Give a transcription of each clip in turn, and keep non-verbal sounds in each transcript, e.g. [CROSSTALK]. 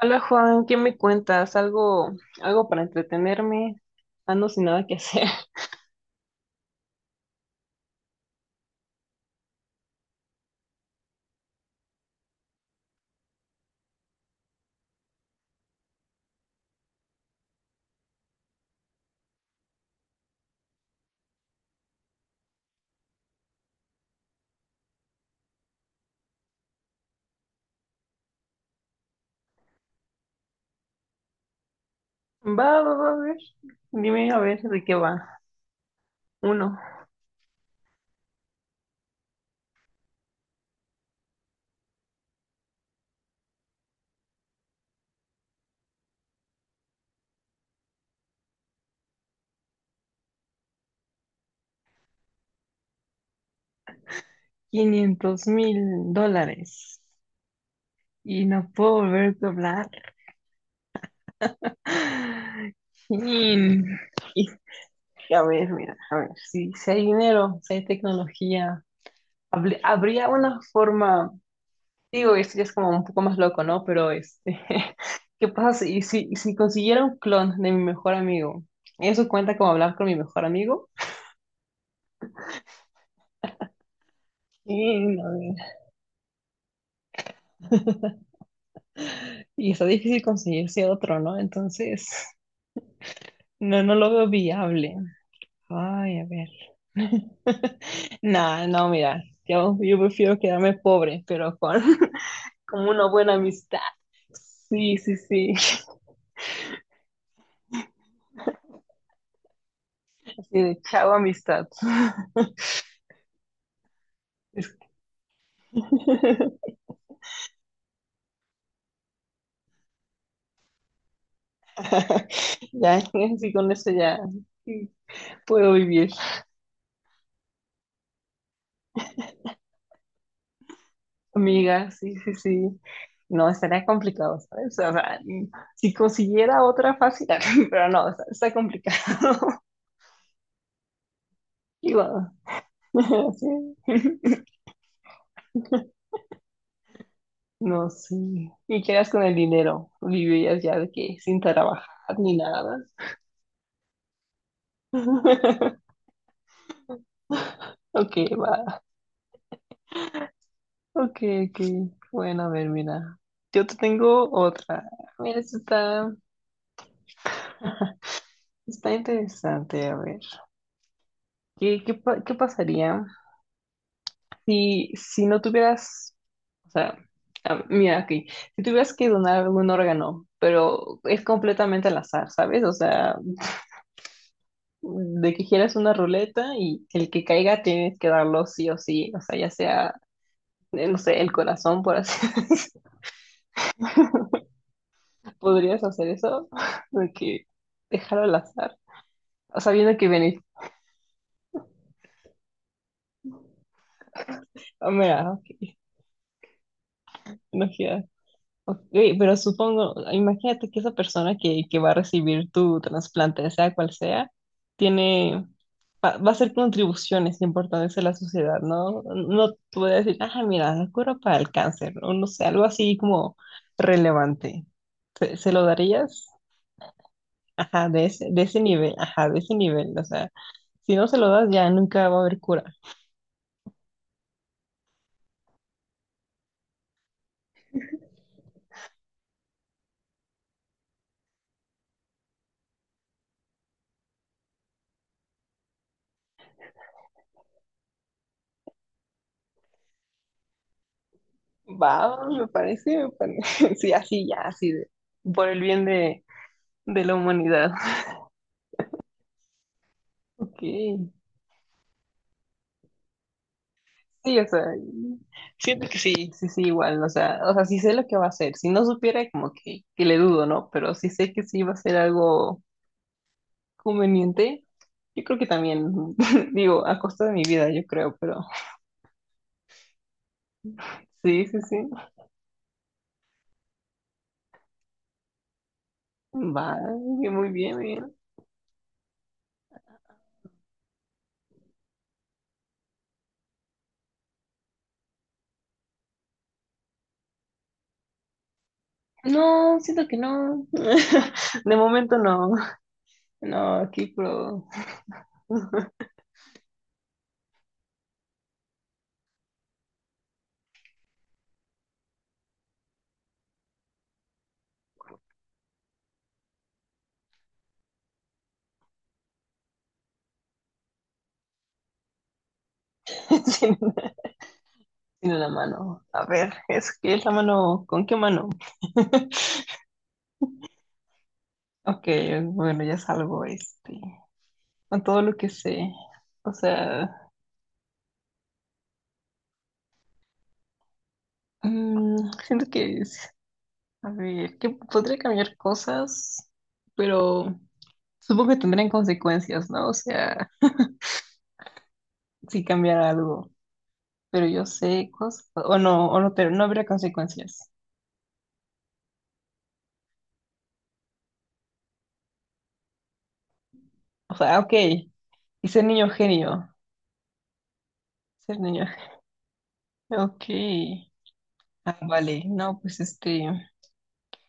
Hola Juan, ¿qué me cuentas? ¿Algo para entretenerme? Ando sin nada que hacer. [LAUGHS] Va, va, va, a ver. Dime a ver de qué va. Uno, $500,000. Y no puedo volver a hablar. [GASPS] [SIGHS] Chin. Y, a ver, mira, a ver, si hay dinero, si hay tecnología, habría una forma. Digo, esto ya es como un poco más loco, ¿no? Pero este, [LAUGHS] ¿qué pasa si consiguiera un clon de mi mejor amigo? ¿Eso cuenta como hablar con mi mejor amigo? Y, no, y está difícil conseguirse otro, ¿no? Entonces, [LAUGHS] no, no lo veo viable. Ay, a ver. [LAUGHS] Nah, no, mira, yo prefiero quedarme pobre, pero con, [LAUGHS] con una buena amistad. Sí, sí, sí. Así de chavo amistad. [LAUGHS] [LAUGHS] Ya, así con eso ya sí, puedo vivir, amiga, sí, sí, sí. No, estaría complicado, ¿sabes? O sea, si consiguiera otra fácil, [LAUGHS] pero no, está, está complicado. [LAUGHS] Y bueno, [LAUGHS] sí. No, sí. ¿Y qué harías con el dinero? ¿Vivirías ya de que sin trabajar ni nada? [LAUGHS] Ok, va. Ok, ok. Bueno, a ver, mira. Yo te tengo otra. Mira, esta está interesante, a ver. ¿Qué pasaría si no tuvieras, o sea, ah, mira aquí, si tuvieras que donar algún órgano, pero es completamente al azar, ¿sabes? O sea, de que quieras una ruleta y el que caiga tienes que darlo sí o sí, o sea, ya sea, no sé, el corazón, por así [LAUGHS] decirlo. ¿Podrías hacer eso? [LAUGHS] De que dejarlo al azar, sabiendo que venís. Ah, mira, ok, no giras. Ok, pero supongo, imagínate que esa persona que va a recibir tu trasplante, sea cual sea, tiene, va a hacer contribuciones importantes a la sociedad, ¿no? No te voy a decir, ah, mira, la cura para el cáncer, o no sé, algo así como relevante. ¿Se lo darías? Ajá, de ese nivel, ajá, de ese nivel, o sea, si no se lo das ya nunca va a haber cura. Va, me parece, [LAUGHS] sí, así, ya, así, por el bien de la humanidad. [LAUGHS] Ok. Sí, o sea, siento que sí, sí, sí, igual, o sea, sí sé lo que va a hacer. Si no supiera, como que le dudo, ¿no? Pero sí sé que sí va a ser algo conveniente. Yo creo que también, [LAUGHS] digo, a costa de mi vida, yo creo, pero sí, sí, sí. Va, muy bien, muy bien. No, siento que no. [LAUGHS] De momento no. No, aquí pero [LAUGHS] Tiene una tiene una mano. A ver, es que es la mano. ¿Con qué mano? [LAUGHS] Ok, bueno, ya salgo este. Con todo lo que sé. O sea, siento que es, a ver, que podría cambiar cosas, pero supongo que tendrían consecuencias, ¿no? O sea, si cambiara algo, pero yo sé cosas, o no, pero no habría consecuencias. O sea, ok, y ser niño genio, ser niño genio, ok. Ah, vale, no, pues este,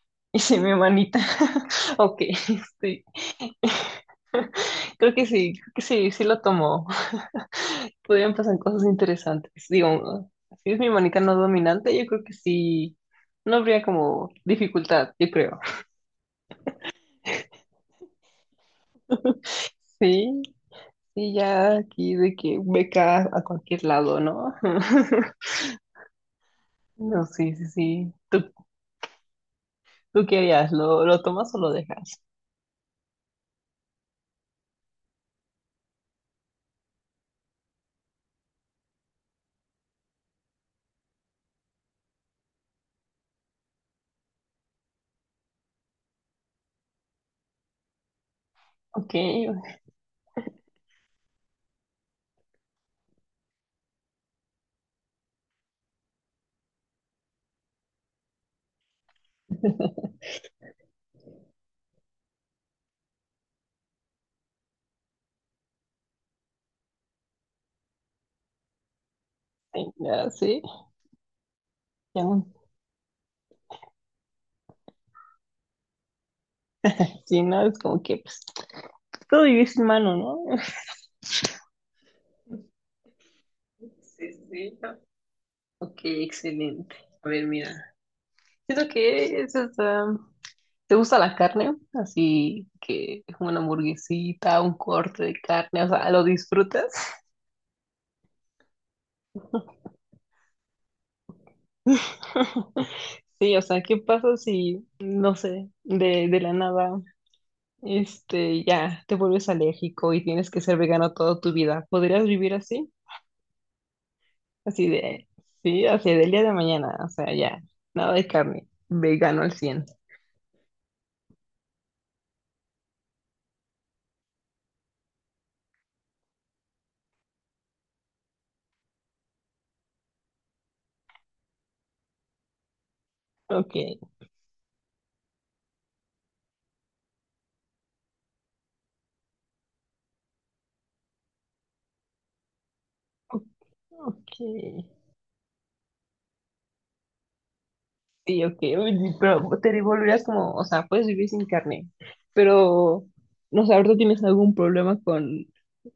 [LAUGHS] hice mi manita. [LAUGHS] Ok, este, creo que sí, sí lo tomo. Podrían pasar cosas interesantes. Digo, si es mi manica no dominante, yo creo que sí, no habría como dificultad, yo creo. [LAUGHS] Sí, sí, ya aquí de que beca a cualquier lado, ¿no? [LAUGHS] No, sí, sí, sí. ¿Tú qué harías? ¿Lo tomas o lo dejas? Ok, ok, ya, sí. Ya, [LAUGHS] sí, no, es como que, pues, todo vivir sin mano, ¿no? [LAUGHS] Sí, sí. ¿No? Ok, excelente. A ver, mira. Siento que eso está. ¿Te gusta la carne? Así que una hamburguesita, un corte de carne, o sea, ¿lo disfrutas? [LAUGHS] Sí, o sea, ¿qué pasa si, no sé, de la nada, este, ya te vuelves alérgico y tienes que ser vegano toda tu vida? ¿Podrías vivir así? ¿Así de, sí, así del día de mañana, o sea, ya, nada de carne, vegano al 100? Ok, o- ok. Sí, ok, uy, sí, pero te volverías como, o sea, puedes vivir sin carne, pero no sé, ahorita tienes algún problema con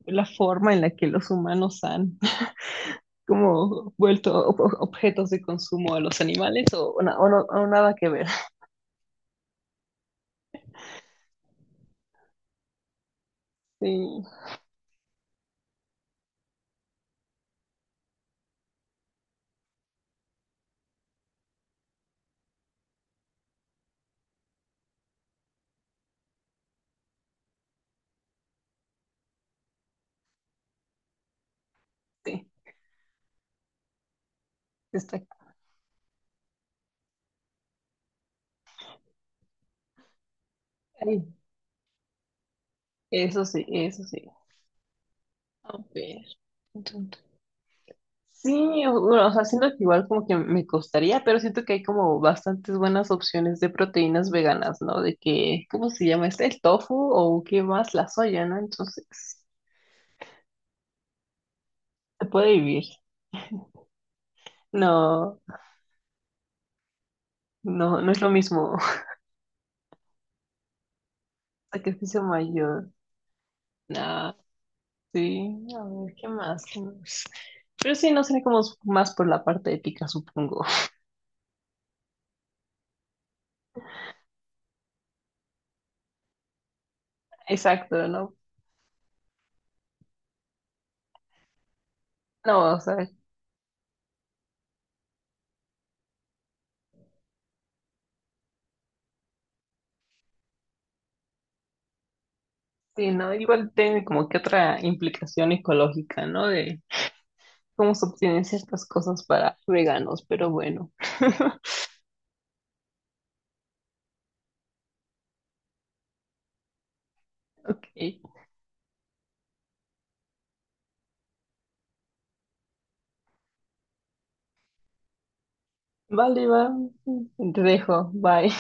la forma en la que los humanos han [LAUGHS] como vuelto objetos de consumo a los animales o, o o no, o nada que ver. Sí, sí, está ahí. Eso sí, eso sí. A ver. Sí, o bueno, o sea, siento que igual como que me costaría, pero siento que hay como bastantes buenas opciones de proteínas veganas, ¿no? De que, ¿cómo se llama este? El tofu o qué más, la soya, ¿no? Entonces, se puede vivir. No, no, no es lo mismo. [LAUGHS] Sacrificio mayor. Ah, sí, a ver, ¿qué más? ¿Qué más? Pero sí, no sería como más por la parte ética, supongo. [LAUGHS] Exacto, ¿no? No, o sea, sí, ¿no? Igual tiene como que otra implicación ecológica, ¿no? De cómo se obtienen ciertas cosas para veganos, pero bueno. [LAUGHS] Ok. Vale, va. Te dejo. Bye.